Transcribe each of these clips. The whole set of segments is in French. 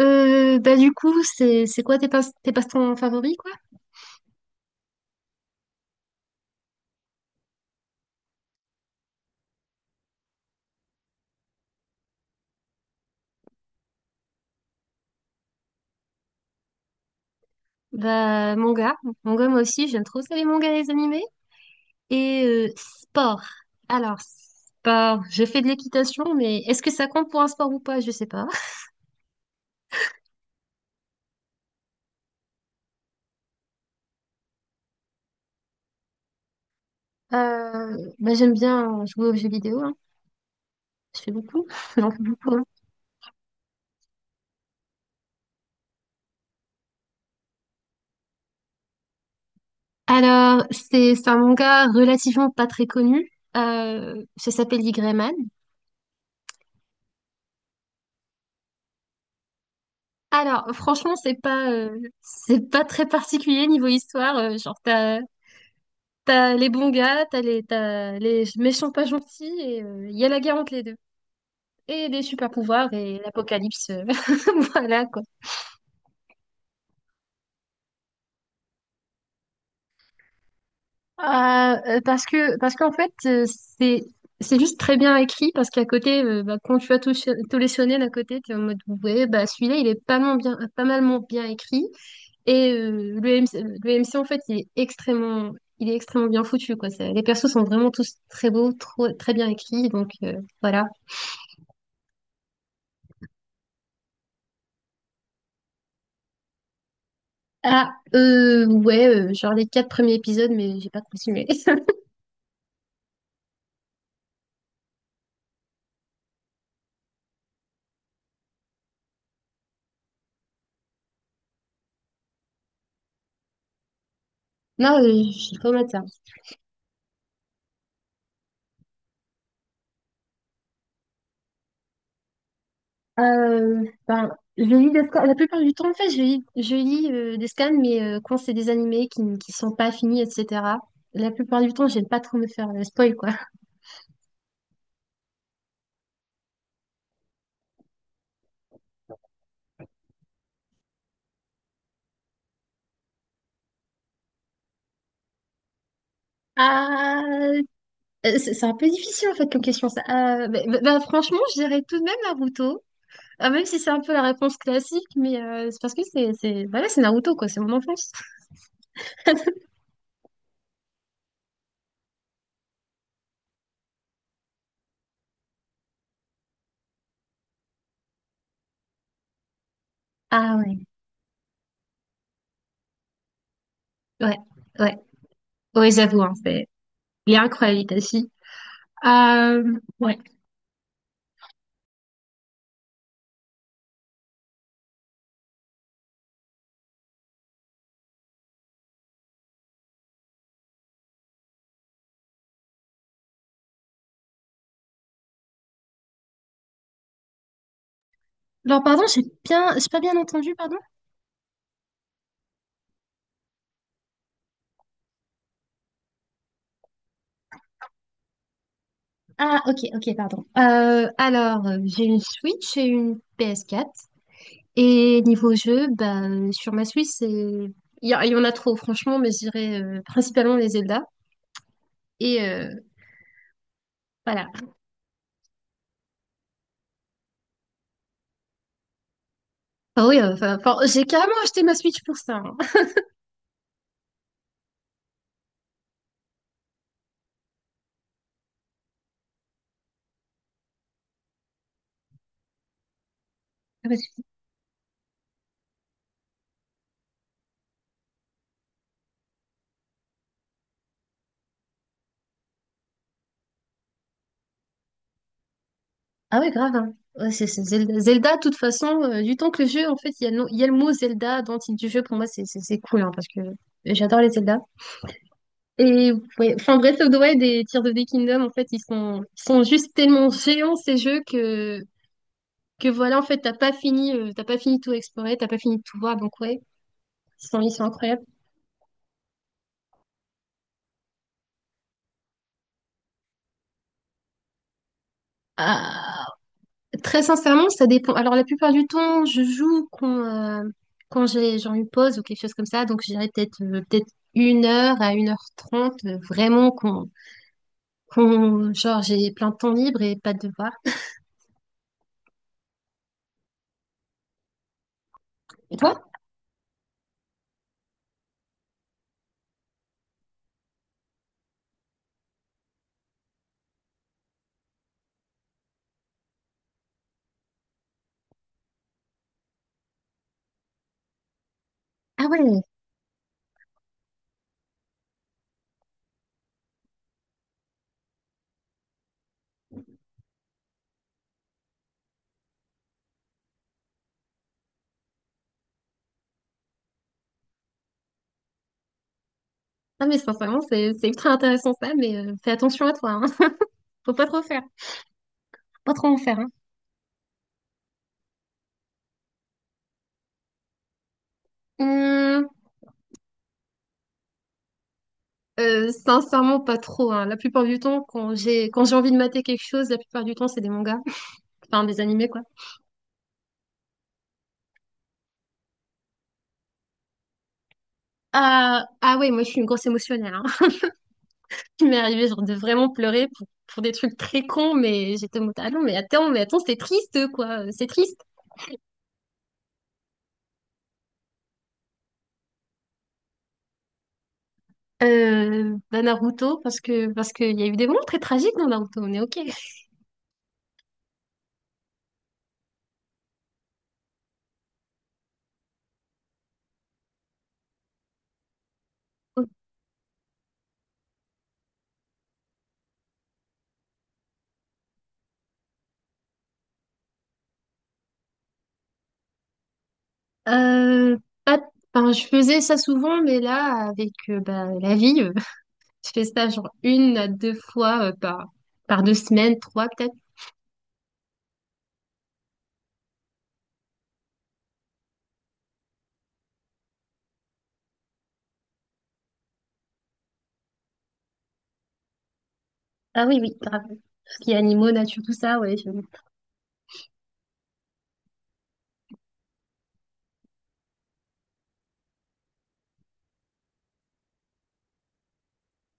Bah du coup, c'est quoi tes passe-temps favoris quoi? Bah manga moi aussi, j'aime trop ça les mangas les animés et sport. Alors sport, je fais de l'équitation mais est-ce que ça compte pour un sport ou pas? Je sais pas. Bah j'aime bien jouer aux jeux vidéo hein. Je fais beaucoup, j'en fais beaucoup, hein. Alors c'est un manga relativement pas très connu. Ça s'appelle Y Man. Alors, franchement, c'est pas très particulier niveau histoire. Genre, t'as les bons gars, t'as les méchants pas gentils, et il y a la guerre entre les deux. Et des super pouvoirs et l'apocalypse. Voilà, quoi. Parce qu'en fait, c'est, c'est juste très bien écrit, parce qu'à côté, bah, quand tu as tout, tout les shonen à côté, t'es en mode, ouais, bah, celui-là, il est pas mal bien, pas mal bien écrit. Et le MC, le MC, en fait, il est extrêmement bien foutu, quoi. Les persos sont vraiment tous très beaux, trop, très bien écrits, donc voilà. Ah, ouais, genre les quatre premiers épisodes, mais j'ai pas continué. Non, j'ai pas maté ça. Ben, je lis des scans. La plupart du temps, en fait, je lis des scans, mais quand c'est des animés qui sont pas finis, etc. La plupart du temps, j'aime pas trop me faire spoil, quoi. Ah, c'est un peu difficile, en fait, comme question, ça. Bah, franchement, je dirais tout de même Naruto. Ah, même si c'est un peu la réponse classique, mais c'est parce que voilà, c'est Naruto, quoi, c'est mon enfance. Ah ouais, ouais, ouais. Oui, j'avoue, hein, c'est. Il est incroyable, Itachi. Euh, ouais. Alors pardon, j'ai pas bien entendu, pardon? Ah, ok, ok, pardon. Alors, j'ai une Switch et une PS4. Et niveau jeu, bah, sur ma Switch, c'est. Il y en a trop, franchement, mais je dirais principalement les Zelda. Et voilà. Ah oui, enfin, j'ai carrément acheté ma Switch pour ça, hein. Ah ouais, grave, hein. Ouais, c'est Zelda. Zelda, de toute façon, du temps que le jeu, en fait, il y a le mot Zelda dans le titre du jeu, pour moi, c'est cool, hein, parce que j'adore les Zelda. Et ouais, enfin, Breath of the Wild et Tears of the Kingdom, en fait, ils sont juste tellement géants, ces jeux, que voilà, en fait, t'as pas fini de tout explorer, t'as pas fini de tout voir, donc ouais, ils sont incroyables. Ah, Très sincèrement, ça dépend. Alors, la plupart du temps, je joue euh, quand j'ai genre une pause ou quelque chose comme ça. Donc, j'irai peut-être 1 heure à 1h30, vraiment quand genre j'ai plein de temps libre et pas de devoirs. Et toi? Ah ouais. Ah mais sincèrement, c'est ultra intéressant ça. Mais fais attention à toi, hein. Faut pas trop faire, pas trop en faire, hein. Hum, sincèrement, pas trop, hein. La plupart du temps, quand j'ai envie de mater quelque chose, la plupart du temps, c'est des mangas, enfin des animés quoi. Ah ah ouais, moi je suis une grosse émotionnelle. Il m'est arrivé genre de vraiment pleurer pour des trucs très cons, mais j'étais en mode, ah non, mais attends, c'est triste, quoi, c'est triste. Bah Naruto, parce qu'il y a eu des moments très tragiques dans Naruto, on est ok. Euh, pas- enfin, je faisais ça souvent, mais là, avec bah, la vie, je fais ça genre une à deux fois par deux semaines, trois peut-être. Ah oui, oui, grave. Tout ce qui est animaux, nature, tout ça, ouais.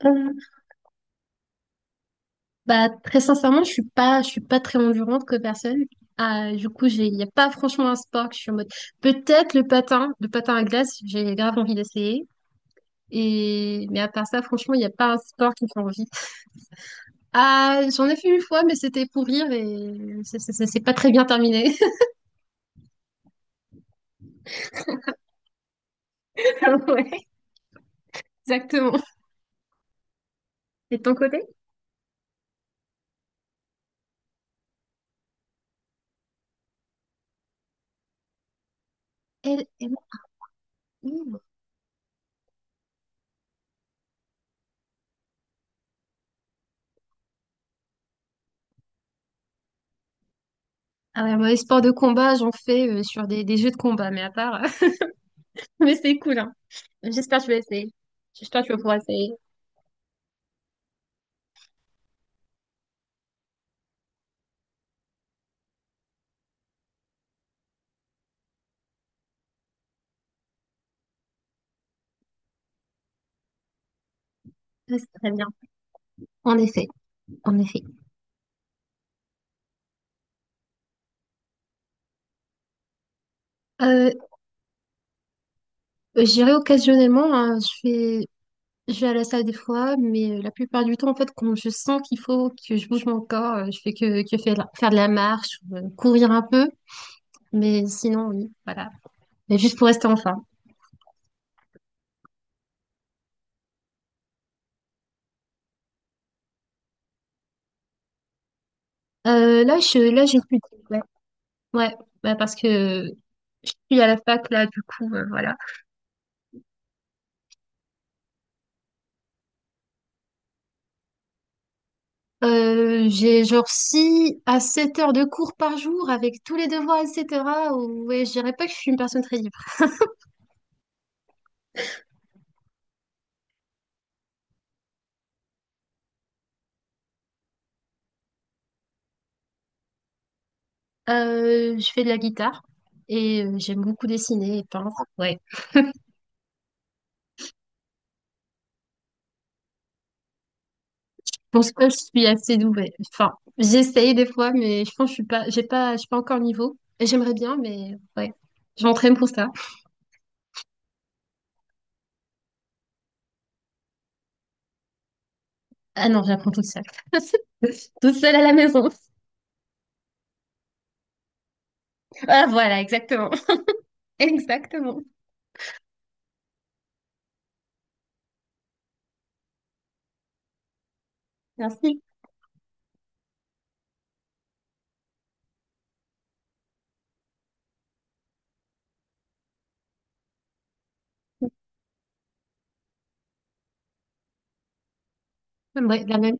Euh, Bah, très sincèrement, je suis pas très endurante comme personne. Ah, du coup, il n'y a pas franchement un sport que je suis en mode. Peut-être le patin à glace, j'ai grave envie d'essayer. Mais à part ça, franchement, il n'y a pas un sport qui me fait envie. Ah, j'en ai fait une fois, mais c'était pour rire et c'est pas très bien terminé. Ouais, exactement. Et de ton côté? Elle- elle- Ouh. Ah ouais, moi, les sports de combat, j'en fais sur des jeux de combat, mais à part, mais c'est cool, hein. J'espère que tu vas essayer. J'espère que tu vas pouvoir essayer. Ouais, c'est très bien. En effet, en effet. Euh, J'irai occasionnellement, hein, je vais à la salle des fois, mais la plupart du temps, en fait, quand je sens qu'il faut que je bouge mon corps, je fais que faire de la marche, ou, courir un peu, mais sinon, oui, voilà. Mais juste pour rester en forme. Là, je, là, j'ai plus de- Ouais, ouais, bah parce que je suis à la fac, là, du coup, voilà. J'ai genre 6 à 7 heures de cours par jour avec tous les devoirs, etc. Ouais, je dirais pas que je suis une personne très libre. Je fais de la guitare et j'aime beaucoup dessiner et peindre. Ouais. Je pense que je suis assez douée. Enfin, j'essaye des fois, mais je pense que je suis pas, j'ai pas, je suis pas encore au niveau. Et j'aimerais bien, mais ouais. Je m'entraîne pour ça. Ah non, j'apprends toute seule. Toute seule à la maison. Ah voilà, exactement. Exactement. Merci. Ouais, la même.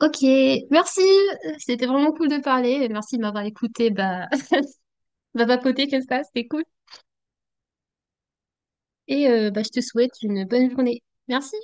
Ok, merci. C'était vraiment cool de parler. Merci de m'avoir écouté. Bah, on va papoter comme ça, c'était cool. Et bah, je te souhaite une bonne journée. Merci.